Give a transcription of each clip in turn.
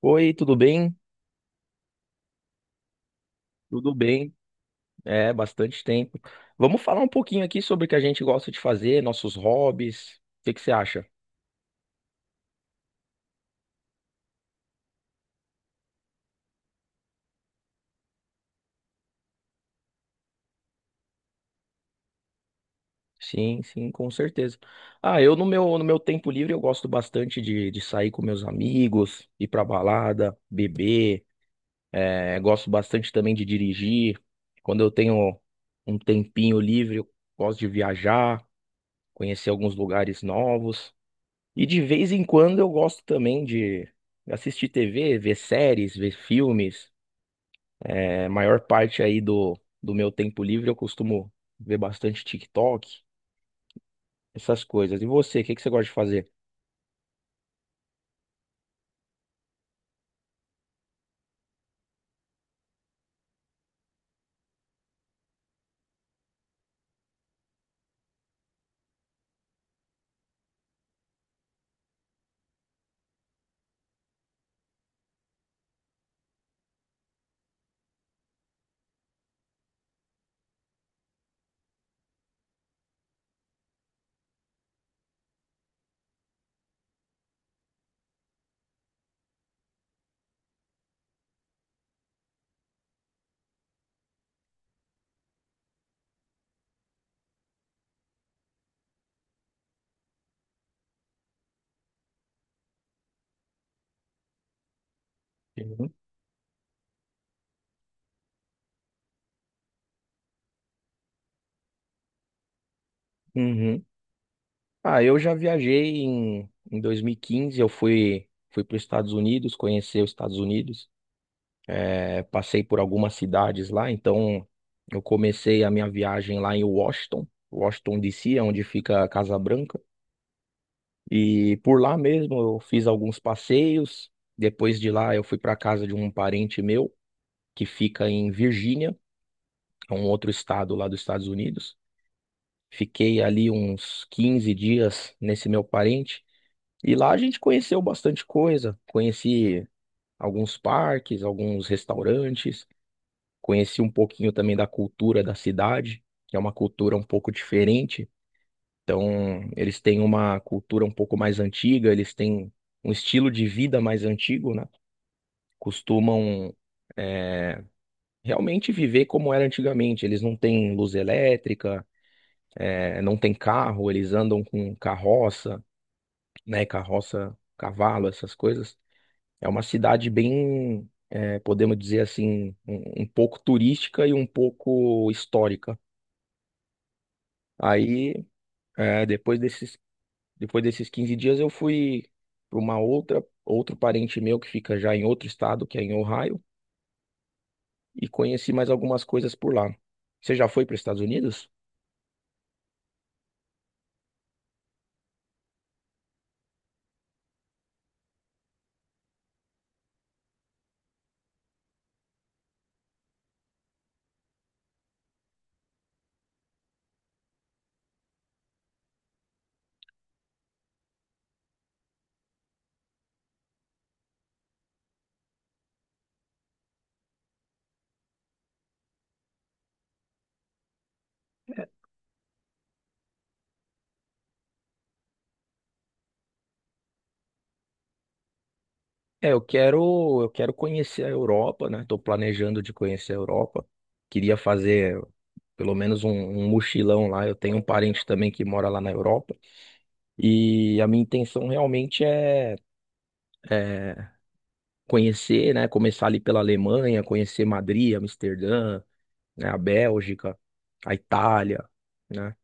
Oi, tudo bem? Tudo bem? É, bastante tempo. Vamos falar um pouquinho aqui sobre o que a gente gosta de fazer, nossos hobbies. O que que você acha? Sim, sim, com certeza. Ah, eu no meu tempo livre eu gosto bastante de sair com meus amigos, ir pra balada, beber. É, gosto bastante também de dirigir. Quando eu tenho um tempinho livre, eu gosto de viajar, conhecer alguns lugares novos. E de vez em quando eu gosto também de assistir TV, ver séries, ver filmes. É, a maior parte aí do meu tempo livre eu costumo ver bastante TikTok, essas coisas. E você, o que que você gosta de fazer? Uhum. Uhum. Ah, eu já viajei em 2015, eu fui para os Estados Unidos, conhecer os Estados Unidos. É, passei por algumas cidades lá, então eu comecei a minha viagem lá em Washington, Washington DC, onde fica a Casa Branca. E por lá mesmo eu fiz alguns passeios. Depois de lá eu fui para casa de um parente meu que fica em Virgínia, é um outro estado lá dos Estados Unidos. Fiquei ali uns 15 dias nesse meu parente e lá a gente conheceu bastante coisa. Conheci alguns parques, alguns restaurantes, conheci um pouquinho também da cultura da cidade, que é uma cultura um pouco diferente. Então, eles têm uma cultura um pouco mais antiga, eles têm um estilo de vida mais antigo, né? Costumam é, realmente viver como era antigamente. Eles não têm luz elétrica, não têm carro, eles andam com carroça, né? Carroça, cavalo, essas coisas. É uma cidade bem, podemos dizer assim, um pouco turística e um pouco histórica. Aí, eh, depois desse Depois desses 15 dias eu fui para outro parente meu que fica já em outro estado, que é em Ohio, e conheci mais algumas coisas por lá. Você já foi para os Estados Unidos? É, eu quero conhecer a Europa, né? Estou planejando de conhecer a Europa. Queria fazer pelo menos um mochilão lá. Eu tenho um parente também que mora lá na Europa. E a minha intenção realmente é conhecer, né? Começar ali pela Alemanha, conhecer Madrid, Amsterdã, né, a Bélgica, a Itália, né?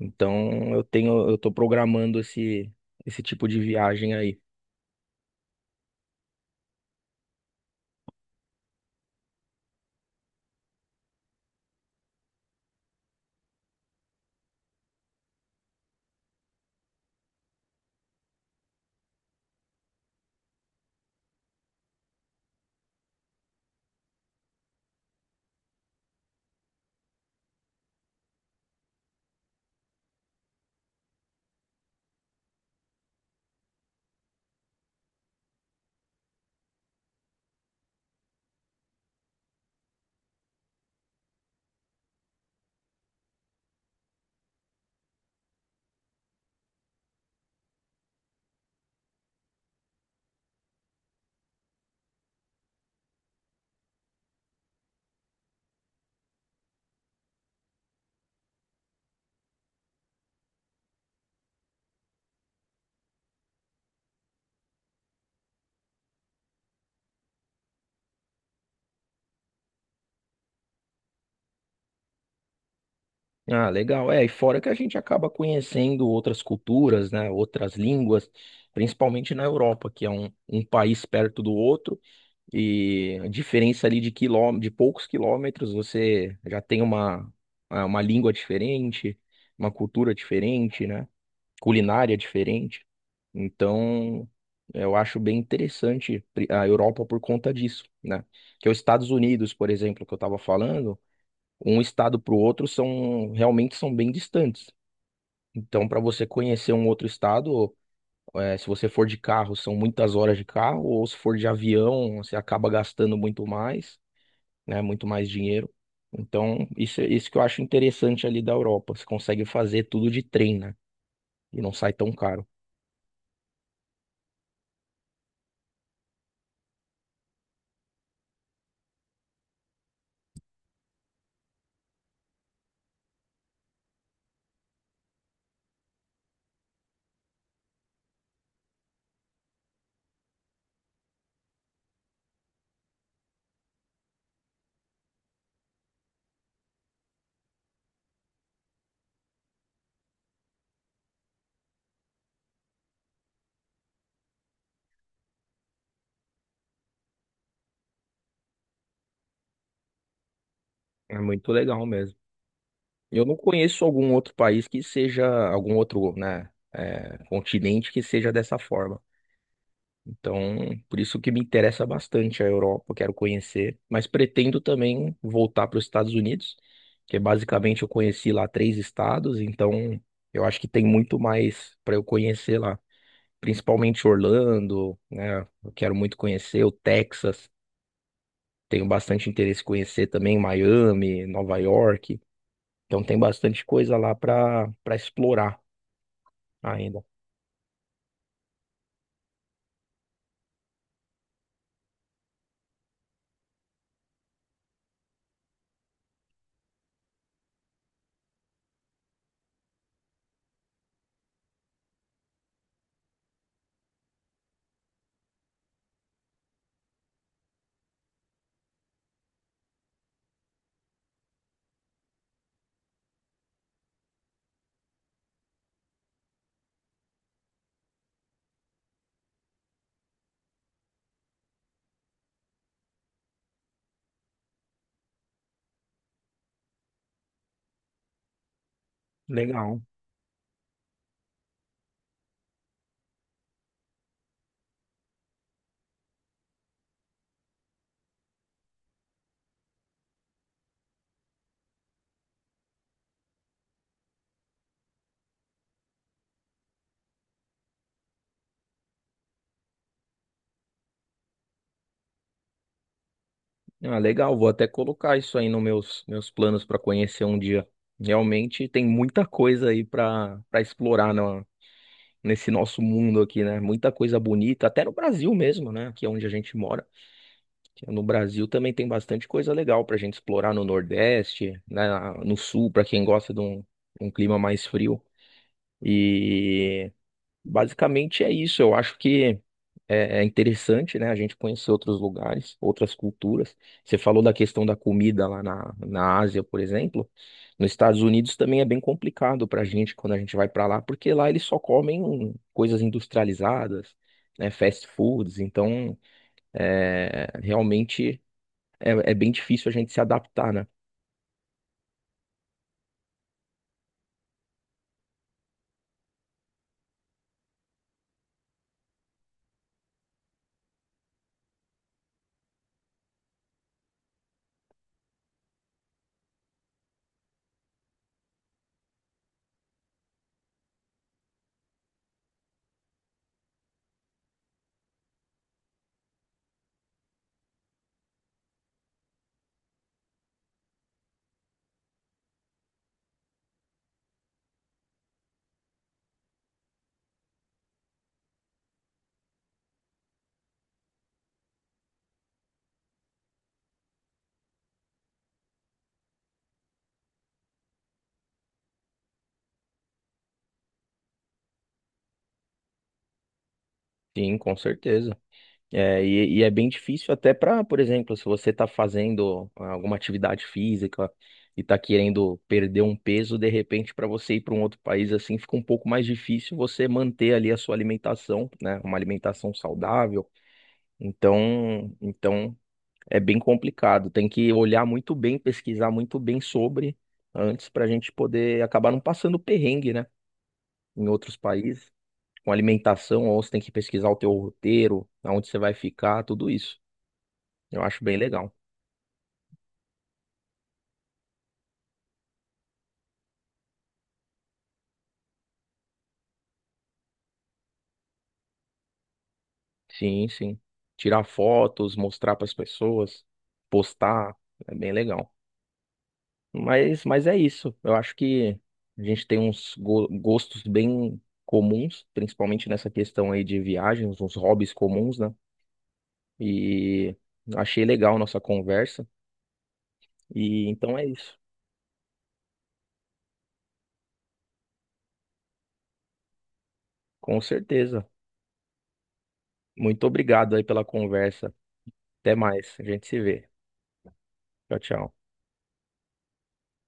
Então eu tô programando esse tipo de viagem aí. Ah, legal. É, e fora que a gente acaba conhecendo outras culturas, né, outras línguas, principalmente na Europa, que é um país perto do outro, e a diferença ali de poucos quilômetros, você já tem uma língua diferente, uma cultura diferente, né? Culinária diferente. Então, eu acho bem interessante a Europa por conta disso, né? Que é os Estados Unidos, por exemplo, que eu estava falando, um estado para o outro são realmente são bem distantes. Então, para você conhecer um outro estado, se você for de carro, são muitas horas de carro, ou se for de avião, você acaba gastando muito mais, né? Muito mais dinheiro. Então, isso que eu acho interessante ali da Europa. Você consegue fazer tudo de trem, né? E não sai tão caro. É muito legal mesmo. Eu não conheço algum outro país que seja, algum outro, né, continente que seja dessa forma. Então, por isso que me interessa bastante a Europa, quero conhecer, mas pretendo também voltar para os Estados Unidos, que é basicamente eu conheci lá três estados, então eu acho que tem muito mais para eu conhecer lá, principalmente Orlando, né? Eu quero muito conhecer o Texas, tenho bastante interesse em conhecer também Miami, Nova York. Então tem bastante coisa lá para explorar. Ainda. Legal. Ah, legal. Vou até colocar isso aí nos meus planos para conhecer um dia. Realmente tem muita coisa aí para explorar no, nesse nosso mundo aqui, né? Muita coisa bonita, até no Brasil mesmo, né? Aqui é onde a gente mora. No Brasil também tem bastante coisa legal para a gente explorar no Nordeste, né? No Sul, para quem gosta de um clima mais frio. E basicamente é isso. Eu acho que é interessante, né, a gente conhecer outros lugares, outras culturas. Você falou da questão da comida lá na Ásia, por exemplo. Nos Estados Unidos também é bem complicado para a gente quando a gente vai para lá, porque lá eles só comem coisas industrializadas, né, fast foods. Então, realmente é bem difícil a gente se adaptar, né? Sim, com certeza. É, e é bem difícil até para, por exemplo, se você está fazendo alguma atividade física e está querendo perder um peso, de repente, para você ir para um outro país assim, fica um pouco mais difícil você manter ali a sua alimentação, né? Uma alimentação saudável. Então, é bem complicado. Tem que olhar muito bem, pesquisar muito bem sobre antes para a gente poder acabar não passando perrengue, né? Em outros países, com alimentação, ou você tem que pesquisar o teu roteiro, aonde você vai ficar, tudo isso. Eu acho bem legal. Sim, sim. Tirar fotos, mostrar para as pessoas, postar, é bem legal. Mas, é isso. Eu acho que a gente tem uns gostos bem comuns, principalmente nessa questão aí de viagens, uns hobbies comuns, né? E achei legal a nossa conversa. E então é isso. Com certeza. Muito obrigado aí pela conversa. Até mais. A gente se vê. Tchau, tchau.